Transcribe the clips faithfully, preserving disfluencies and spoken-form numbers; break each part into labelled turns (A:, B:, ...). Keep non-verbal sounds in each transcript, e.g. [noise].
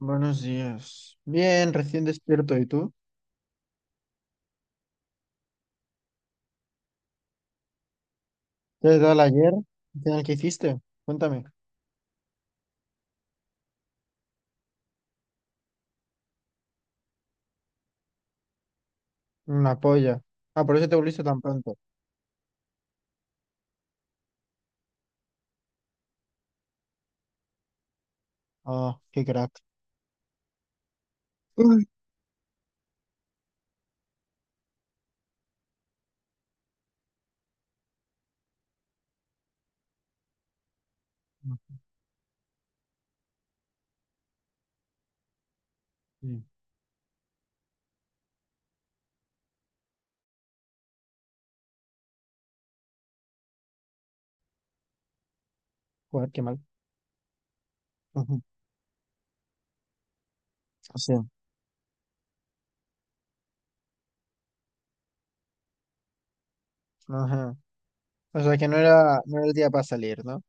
A: Buenos días. Bien, recién despierto. ¿Y tú? ¿Qué tal ayer? ¿Al final qué hiciste? Cuéntame. Una polla. Ah, por eso te volviste tan pronto. Ah, qué crack. Uy. Sí. Joder, qué mal. Ujú. O ajá. O sea que no era, no era el día para salir, ¿no?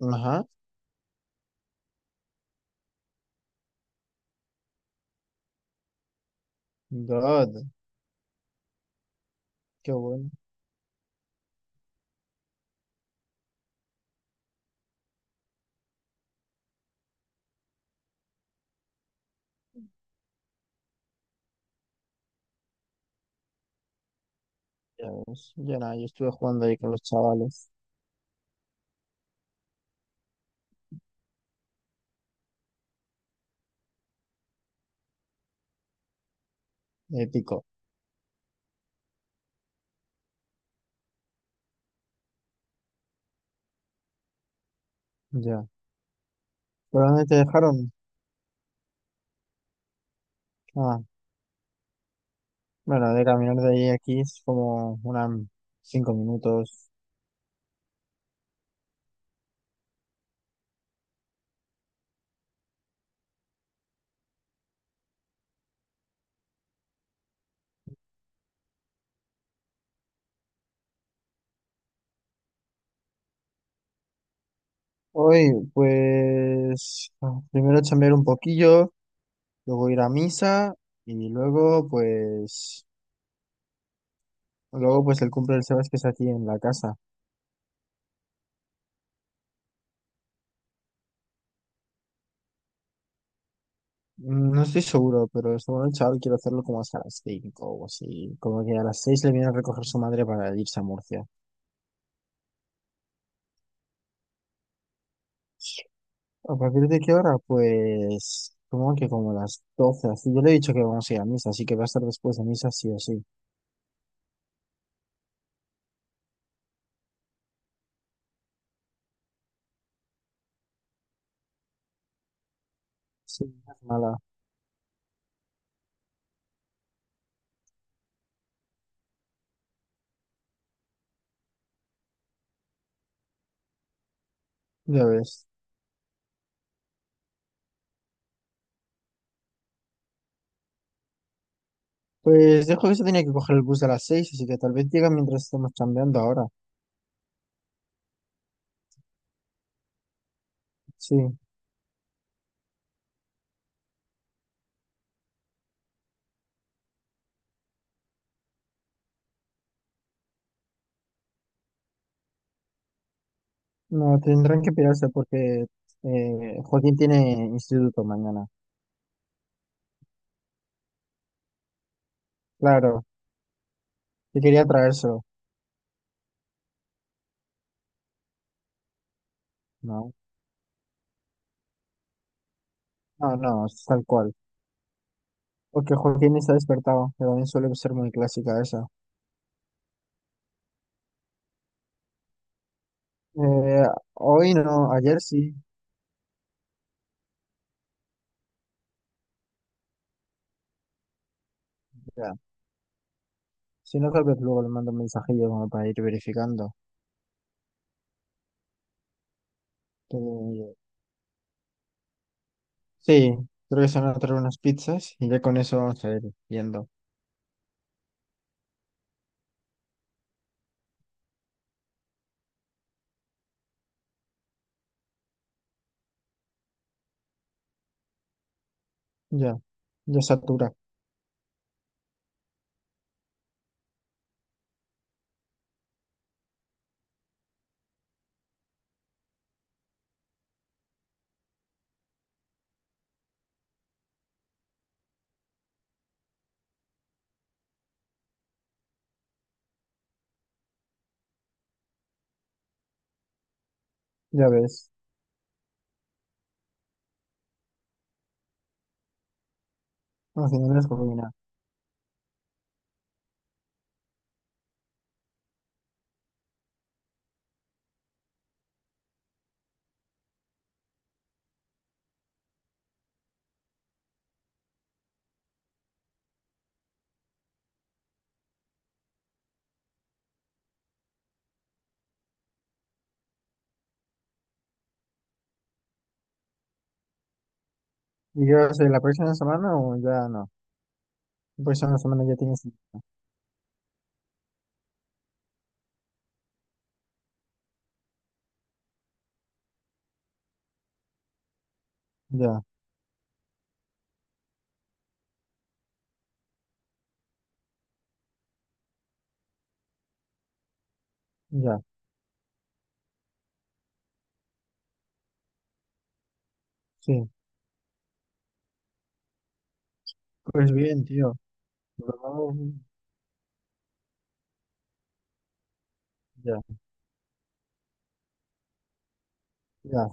A: Ajá. God, qué bueno. Ya ves. Ya nada, yo estuve jugando ahí con los chavales. Épico. Ya. ¿Pero dónde te dejaron? Ah, bueno, de caminar de ahí a aquí es como unas cinco minutos. Hoy, pues, ah, primero chambear un poquillo, luego ir a misa y luego, pues, luego, pues, el cumple del Sebas que es aquí en la casa. Mm, No estoy seguro, pero esta noche, chaval, quiero hacerlo como hasta las cinco o así. Como que a las seis le viene a recoger su madre para irse a Murcia. ¿A partir de qué hora? Pues, como que como las doce así. Yo le he dicho que vamos a ir a misa, así que va a estar después de misa sí o sí. Sí, no es mala, ya ves. Pues dijo que se tenía que coger el bus a las seis, así que tal vez llega mientras estamos chambeando ahora. Sí, no, tendrán que pirarse porque eh, Joaquín tiene instituto mañana. Claro, que quería traérselo. No, no, no, es tal cual. Porque Joaquín está despertado, que también suele ser muy clásica esa. Eh, Hoy no, ayer sí. Ya. Si no, tal vez luego le mando un mensajillo como para ir verificando. Eh, sí, creo que se van a traer unas pizzas y ya con eso vamos a ir viendo. Ya, ya satura. Ya ves, al final les combina. ¿Y qué va a ser la próxima semana o ya no? La próxima semana ya tienes. Ya, ya, sí. Pues bien, tío. Lo- Ya, ya,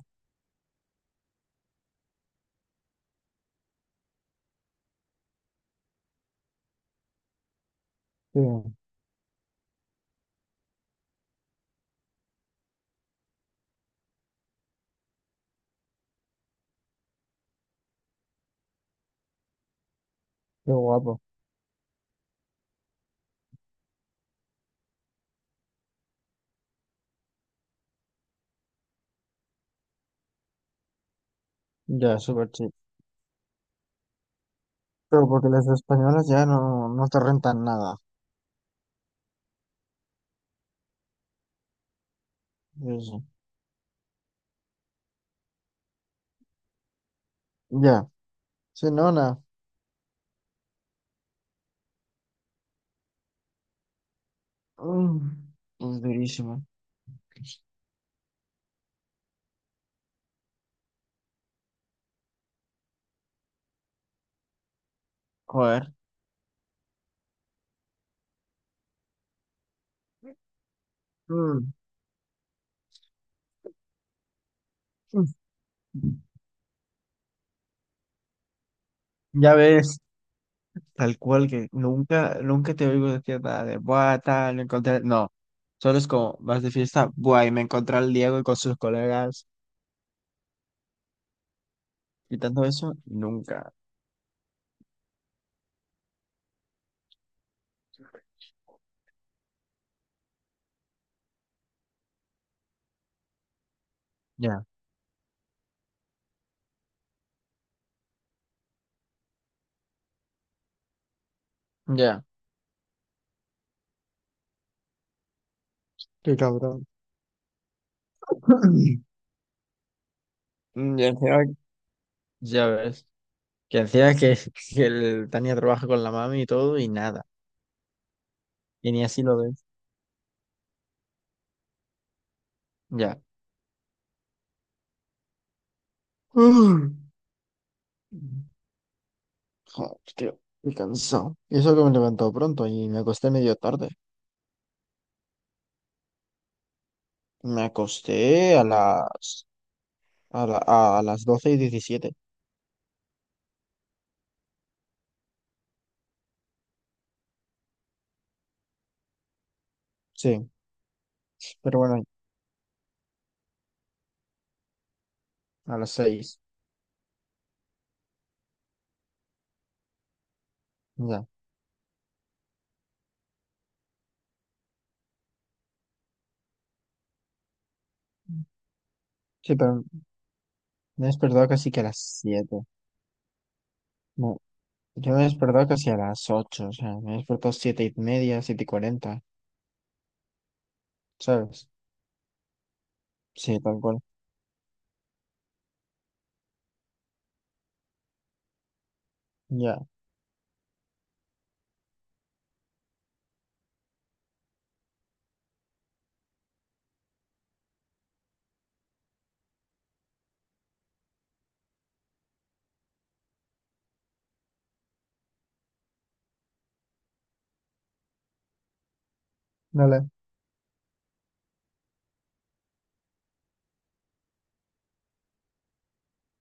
A: sí, qué guapo. Ya, súper chido. Pero porque las españolas ya no, no te rentan nada. Eso. Ya, sí, no, nada. Mm, pues durísimo. Joder. Mm, mm. Ya ves. Tal cual que nunca, nunca te oigo decir nada de buah, tal, me encontré. No, solo es como vas de fiesta, buah, y me encontré al Diego y con sus colegas y tanto eso, nunca. Ya, ya, qué cabrón. [clears throat] Y encima, ya ves, que encima que, [laughs] que el Tania trabaja con la mami y todo y nada, y ni así lo ves. Ya. [sighs] Mm. Joder, tío, estoy cansado. Y eso que me levantó pronto y me acosté medio tarde. Me acosté a las A, la- a las doce y diecisiete. Sí, pero bueno, a las seis. Ya. Sí, pero me he despertado casi que a las siete. No, yo me he despertado casi a las ocho. O sea, me he despertado siete y media, siete y cuarenta. ¿Sabes? Sí, tal cual. Ya. No le